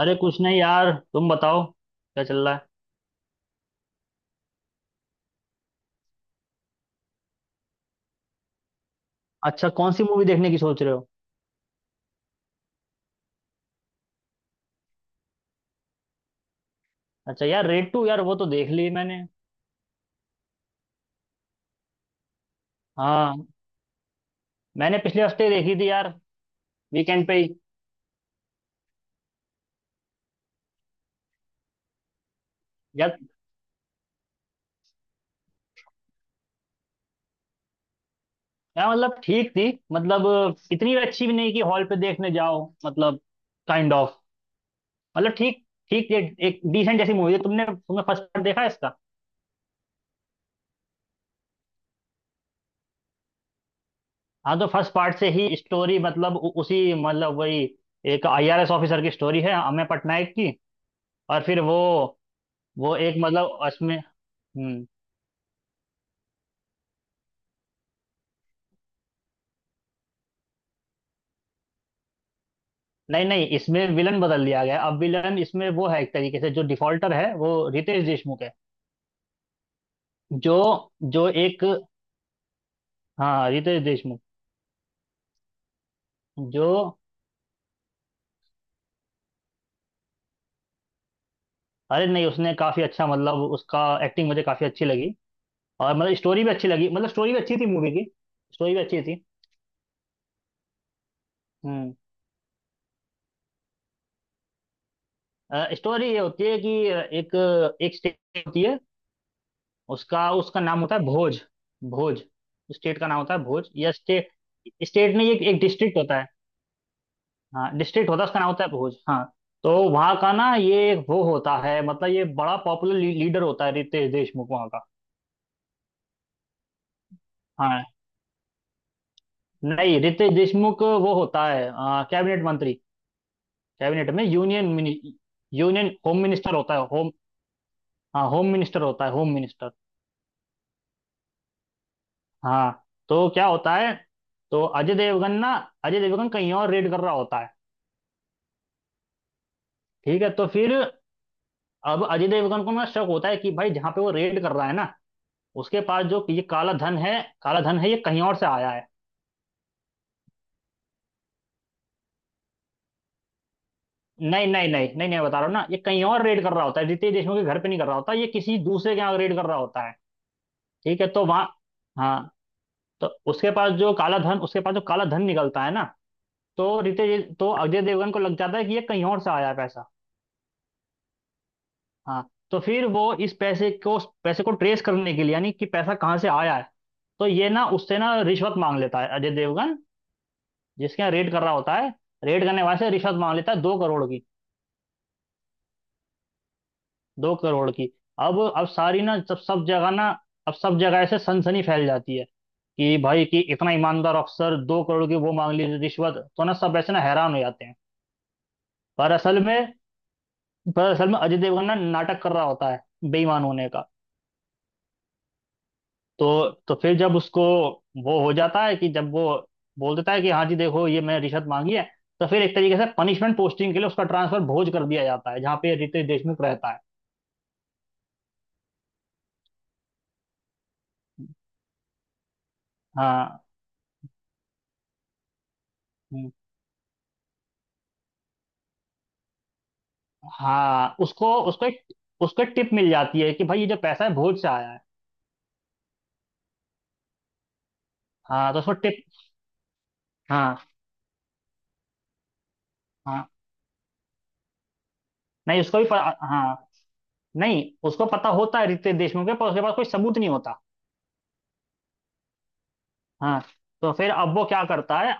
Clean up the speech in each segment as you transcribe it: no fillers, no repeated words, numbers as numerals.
अरे कुछ नहीं यार, तुम बताओ क्या चल रहा है। अच्छा, कौन सी मूवी देखने की सोच रहे हो? अच्छा यार, रेड टू, यार वो तो देख ली मैंने। हाँ, मैंने पिछले हफ्ते देखी थी यार, वीकेंड पे ही। यार यार मतलब ठीक थी। मतलब इतनी भी अच्छी भी नहीं कि हॉल पे देखने जाओ, मतलब काइंड ऑफ। मतलब ठीक, ठीक एक डिसेंट जैसी मूवी है। तुमने तुमने फर्स्ट पार्ट देखा है इसका? हाँ तो फर्स्ट पार्ट से ही स्टोरी, मतलब उसी, मतलब वही। एक आईआरएस ऑफिसर की स्टोरी है, अमेय पटनायक की। और फिर वो एक, मतलब उसमें नहीं, नहीं, इसमें विलन बदल दिया गया है। अब विलन इसमें वो है, एक तरीके से जो डिफॉल्टर है, वो रितेश देशमुख है। जो जो एक, हाँ, रितेश देशमुख, जो। अरे नहीं, उसने काफी अच्छा, मतलब उसका एक्टिंग मुझे काफी अच्छी लगी। और मतलब स्टोरी भी अच्छी लगी, मतलब स्टोरी भी अच्छी थी मूवी की। स्टोरी भी अच्छी थी। हम्म स्टोरी ये होती है कि एक एक स्टेट होती है। उसका उसका नाम होता है भोज। भोज, स्टेट का नाम होता है भोज, या स्टेट। स्टेट नहीं, एक एक डिस्ट्रिक्ट होता है। हाँ, डिस्ट्रिक्ट होता है, उसका नाम होता है भोज। हाँ तो वहाँ का ना, ये एक वो होता है, मतलब ये बड़ा पॉपुलर लीडर होता है रितेश देशमुख वहाँ का। हाँ नहीं, रितेश देशमुख वो होता है कैबिनेट मंत्री। कैबिनेट में, यूनियन यूनियन होम मिनिस्टर होता है होम। हाँ, होम मिनिस्टर होता है, होम मिनिस्टर। हाँ तो क्या होता है, तो अजय देवगन ना अजय देवगन कहीं और रेड कर रहा होता है। ठीक है, तो फिर अब अजय देवगन को ना शक होता है कि भाई जहाँ पे वो रेड कर रहा है ना, उसके पास जो ये काला धन है, काला धन है, ये कहीं और से आया है। नहीं, नहीं, नहीं, नहीं, नहीं, बता रहा हूँ ना, ये कहीं और रेड कर रहा होता है, रितेश देशमुख के घर पे नहीं कर रहा होता, ये किसी दूसरे के यहाँ रेड कर रहा होता है। ठीक है तो वहाँ, हाँ, तो उसके पास जो काला धन निकलता है ना, तो रितेश तो अजय देवगन को लग जाता है कि ये कहीं और से आया है पैसा। हाँ, तो फिर वो इस पैसे को ट्रेस करने के लिए, यानी कि पैसा कहाँ से आया है, तो ये ना उससे ना रिश्वत मांग लेता है, अजय देवगन जिसके यहाँ रेड कर रहा होता है, रेड करने वाले से रिश्वत मांग लेता है 2 करोड़ की। 2 करोड़ की। अब सारी ना सब सब जगह ना, अब सब जगह ऐसे सनसनी फैल जाती है, कि भाई कि इतना ईमानदार अफसर 2 करोड़ की वो मांग ली रिश्वत, तो ना सब ऐसे ना हैरान हो जाते हैं। पर असल में पर असल में अजय देवगन ना नाटक कर रहा होता है, बेईमान होने का। तो फिर जब उसको वो हो जाता है, कि जब वो बोल देता है कि हाँ जी देखो, ये मैंने रिश्वत मांगी है, तो फिर एक तरीके से पनिशमेंट पोस्टिंग के लिए उसका ट्रांसफर भोज कर दिया जाता है, जहाँ पे रितेश देशमुख रहता है। हाँ, हाँ, उसको उसको एक टिप मिल जाती है कि भाई ये जो पैसा है, भोज से आया है। हाँ तो उसको टिप, हाँ, हाँ, नहीं उसको भी हाँ, नहीं, उसको पता होता है रितेश देशमुख के, पर उसके पास कोई सबूत नहीं होता। हाँ। तो फिर अब वो क्या करता है,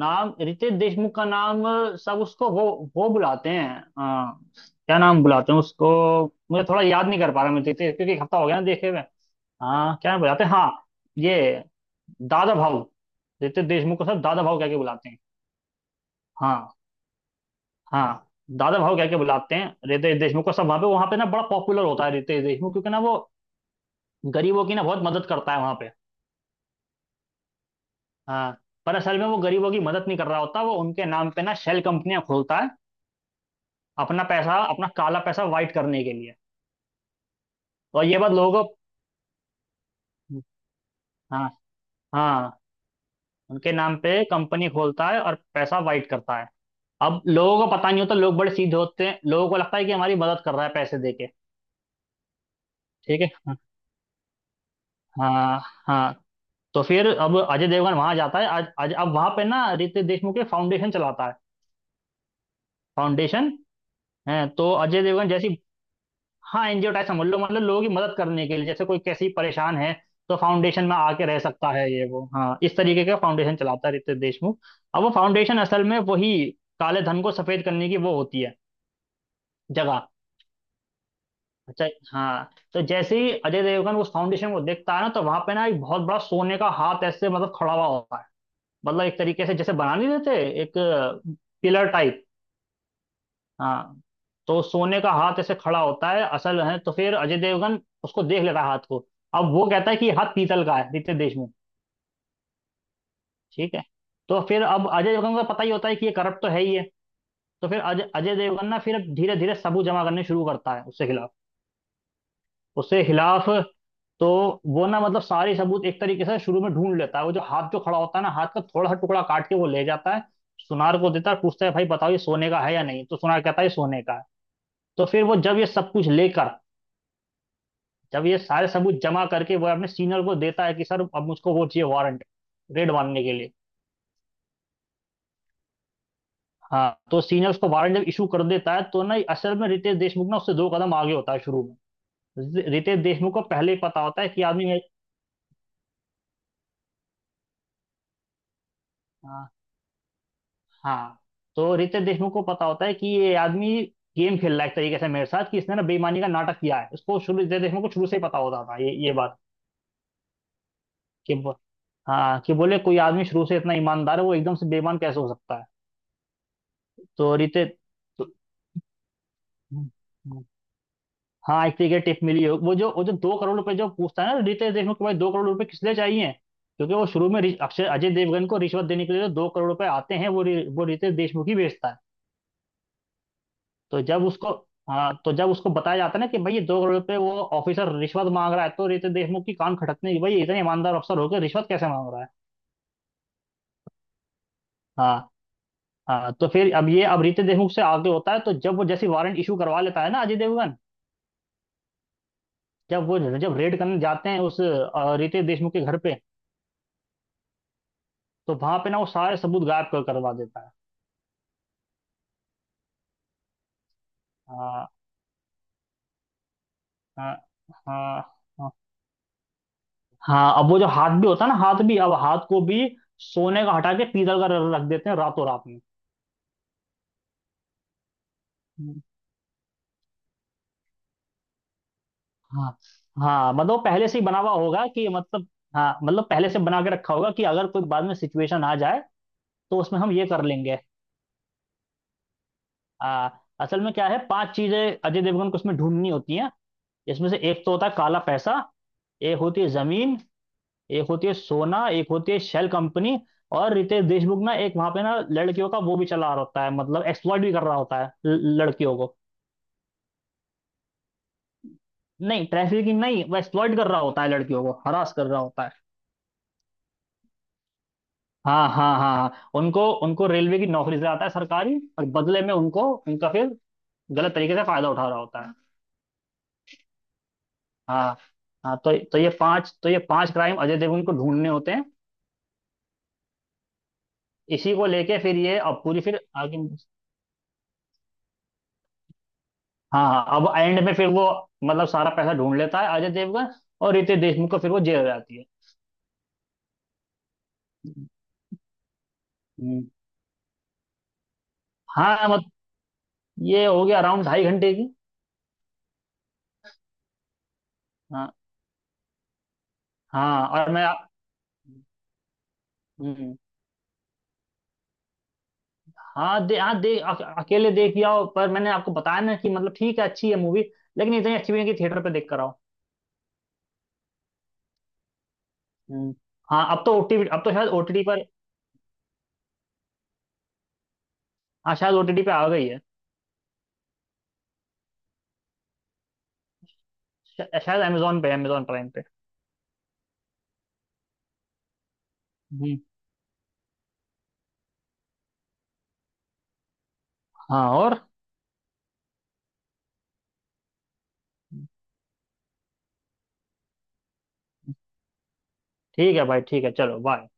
नाम, रितेश देशमुख का नाम, सब उसको वो बुलाते हैं। हाँ, क्या नाम बुलाते हैं उसको, मुझे थोड़ा याद नहीं कर पा रहा मैं, रितेश, क्योंकि एक हफ्ता हो गया ना देखे हुए। हाँ, क्या नाम बुलाते हैं, हाँ, ये दादा भाऊ। रितेश देशमुख को सब दादा भाऊ कह के बुलाते हैं। हाँ, हाँ, दादा भाव कह के बुलाते हैं रितेश देशमुख को सब। वहां पे ना बड़ा पॉपुलर होता है रितेश देशमुख, क्योंकि ना वो गरीबों की ना बहुत मदद करता है वहां पे। हाँ, पर असल में वो गरीबों की मदद नहीं कर रहा होता, वो उनके नाम पे ना शेल कंपनियां खोलता है, अपना पैसा, अपना काला पैसा वाइट करने के लिए। और ये बात लोगों को, हाँ, हाँ, उनके नाम पे कंपनी खोलता है और पैसा वाइट करता है। अब लोगों को पता नहीं होता, लोग बड़े सीधे होते हैं, लोगों को लगता है कि हमारी मदद कर रहा है पैसे दे के। ठीक है, हाँ, हाँ, तो फिर अब अजय देवगन वहां जाता है। आज आज अब वहां पे ना रितेश देशमुख के फाउंडेशन चलाता है। फाउंडेशन है, तो अजय देवगन जैसी, हाँ, एनजीओ टाइप, समझ लो, मतलब लोगों की मदद करने के लिए, जैसे कोई कैसी परेशान है तो फाउंडेशन में आके रह सकता है ये वो, हाँ, इस तरीके का फाउंडेशन चलाता है रितेश देशमुख। अब वो फाउंडेशन असल में वही काले धन को सफेद करने की वो होती है जगह। अच्छा, हाँ, तो जैसे ही अजय देवगन उस फाउंडेशन को देखता है ना, तो वहां पे ना एक बहुत बड़ा सोने का हाथ ऐसे, मतलब खड़ा हुआ होता है, मतलब एक तरीके से जैसे बना नहीं देते एक पिलर टाइप। हाँ, तो सोने का हाथ ऐसे खड़ा होता है असल है, तो फिर अजय देवगन उसको देख लेता है, हाथ को। अब वो कहता है कि ये हाथ पीतल का है, पीतल देश में। ठीक है, तो फिर अब अजय देवगन को पता ही होता है कि ये करप्ट तो है ही है, तो फिर अजय अजय देवगन ना फिर धीरे धीरे सबूत जमा करने शुरू करता है उसके खिलाफ, उसके खिलाफ। तो वो ना, मतलब सारे सबूत एक तरीके से शुरू में ढूंढ लेता है, वो जो हाथ, जो खड़ा होता है ना, हाथ का थोड़ा सा टुकड़ा काट के वो ले जाता है, सुनार को देता है, पूछता है भाई बताओ ये सोने का है या नहीं, तो सुनार कहता है, ये सोने का है। तो फिर वो जब ये सब कुछ लेकर जब ये सारे सबूत जमा करके वो अपने सीनियर को देता है कि सर अब मुझको वो चाहिए वारंट, रेड मारने के लिए। हाँ, तो सीनियर उसको वारंट जब इशू कर देता है, तो ना असल में रितेश देशमुख ना उससे दो कदम आगे होता है। शुरू में रितेश देशमुख को पहले ही पता होता है कि आदमी, हाँ, हाँ, तो रितेश देशमुख को पता होता है कि ये आदमी गेम खेल रहा है, एक तरीके से मेरे साथ, कि इसने ना बेईमानी का नाटक किया है। उसको शुरू रितेश देशमुख को शुरू से ही पता होता था ये बात कि हाँ, कि बोले कोई आदमी शुरू से इतना ईमानदार है, वो एकदम से बेईमान कैसे हो सकता है। तो रितेश तो, हम्म, हम्म, हाँ, एक तरीके टिप मिली हो, वो जो 2 करोड़ रुपए जो पूछता है ना, रितेश देशमुख को भाई 2 करोड़ रुपए किस लिए चाहिए, क्योंकि वो शुरू में रि- अक्षय अजय देवगन को रिश्वत देने के लिए जो 2 करोड़ रुपए आते हैं वो रितेश देशमुख ही बेचता है। तो जब उसको, हाँ, तो जब उसको बताया जाता है ना कि भाई ये 2 करोड़ रुपए वो ऑफिसर रिश्वत मांग रहा है, तो रितेश देशमुख की कान खटकने की, भाई ये इतने ईमानदार अफसर होकर रिश्वत कैसे मांग रहा है। हाँ, हाँ, तो फिर अब रितेश देशमुख से आगे होता है। तो जब वो जैसे वारंट इशू करवा लेता है ना अजय देवगन, जब वो जब रेड करने जाते हैं उस रितेश देशमुख के घर पे, तो वहां पे ना वो सारे सबूत गायब कर करवा देता है। हाँ, हाँ, हाँ, हाँ, हाँ, अब वो जो हाथ भी होता है ना, हाथ भी, अब हाथ को भी सोने का हटा के पीतल का रख देते हैं रातों रात में। हाँ, हाँ, मतलब पहले से ही बना हुआ होगा कि मतलब, हाँ, मतलब पहले से बना के रखा होगा कि अगर कोई बाद में सिचुएशन आ जाए तो उसमें हम ये कर लेंगे। आ, असल में क्या है, पांच चीजें अजय देवगन को उसमें ढूंढनी होती हैं। इसमें से एक तो होता है काला पैसा, एक होती है जमीन, एक होती है सोना, एक होती है शेल कंपनी, और रितेश देशमुख ना एक वहां पे ना लड़कियों का वो भी चला रहा होता है, मतलब एक्सप्लॉइट भी कर रहा होता है लड़कियों को। नहीं, ट्रैफिकिंग नहीं, वो एक्सप्लॉइट कर रहा होता है, लड़कियों को हरास कर रहा होता है। हाँ, हाँ, हाँ, हाँ, उनको उनको रेलवे की नौकरी से आता है सरकारी, और बदले में उनको, उनका फिर गलत तरीके से फायदा उठा रहा होता है। हाँ, हाँ, तो ये पांच क्राइम अजय देवगन को ढूंढने होते हैं, इसी को लेके फिर ये अब पूरी फिर आगे। हाँ, हाँ, अब एंड में फिर वो मतलब सारा पैसा ढूंढ लेता है अजय देवगन, और रितेश देशमुख को फिर वो जेल हो जाती है। हम्म, हाँ, मत ये हो गया, अराउंड 2.5 घंटे की। हाँ, हाँ, और मैं, हम्म, हाँ अकेले देख के आओ, पर मैंने आपको बताया ना कि मतलब ठीक है, अच्छी है मूवी, लेकिन इतनी अच्छी भी नहीं कि थिएटर पे देख कर आओ। हम्म, हाँ, अब तो शायद ओटीटी पर, हाँ शायद ओटीटी पे आ गई है। शायद अमेजोन पे, अमेजोन प्राइम पे। हम्म, हाँ, और ठीक है भाई, ठीक है, चलो बाय।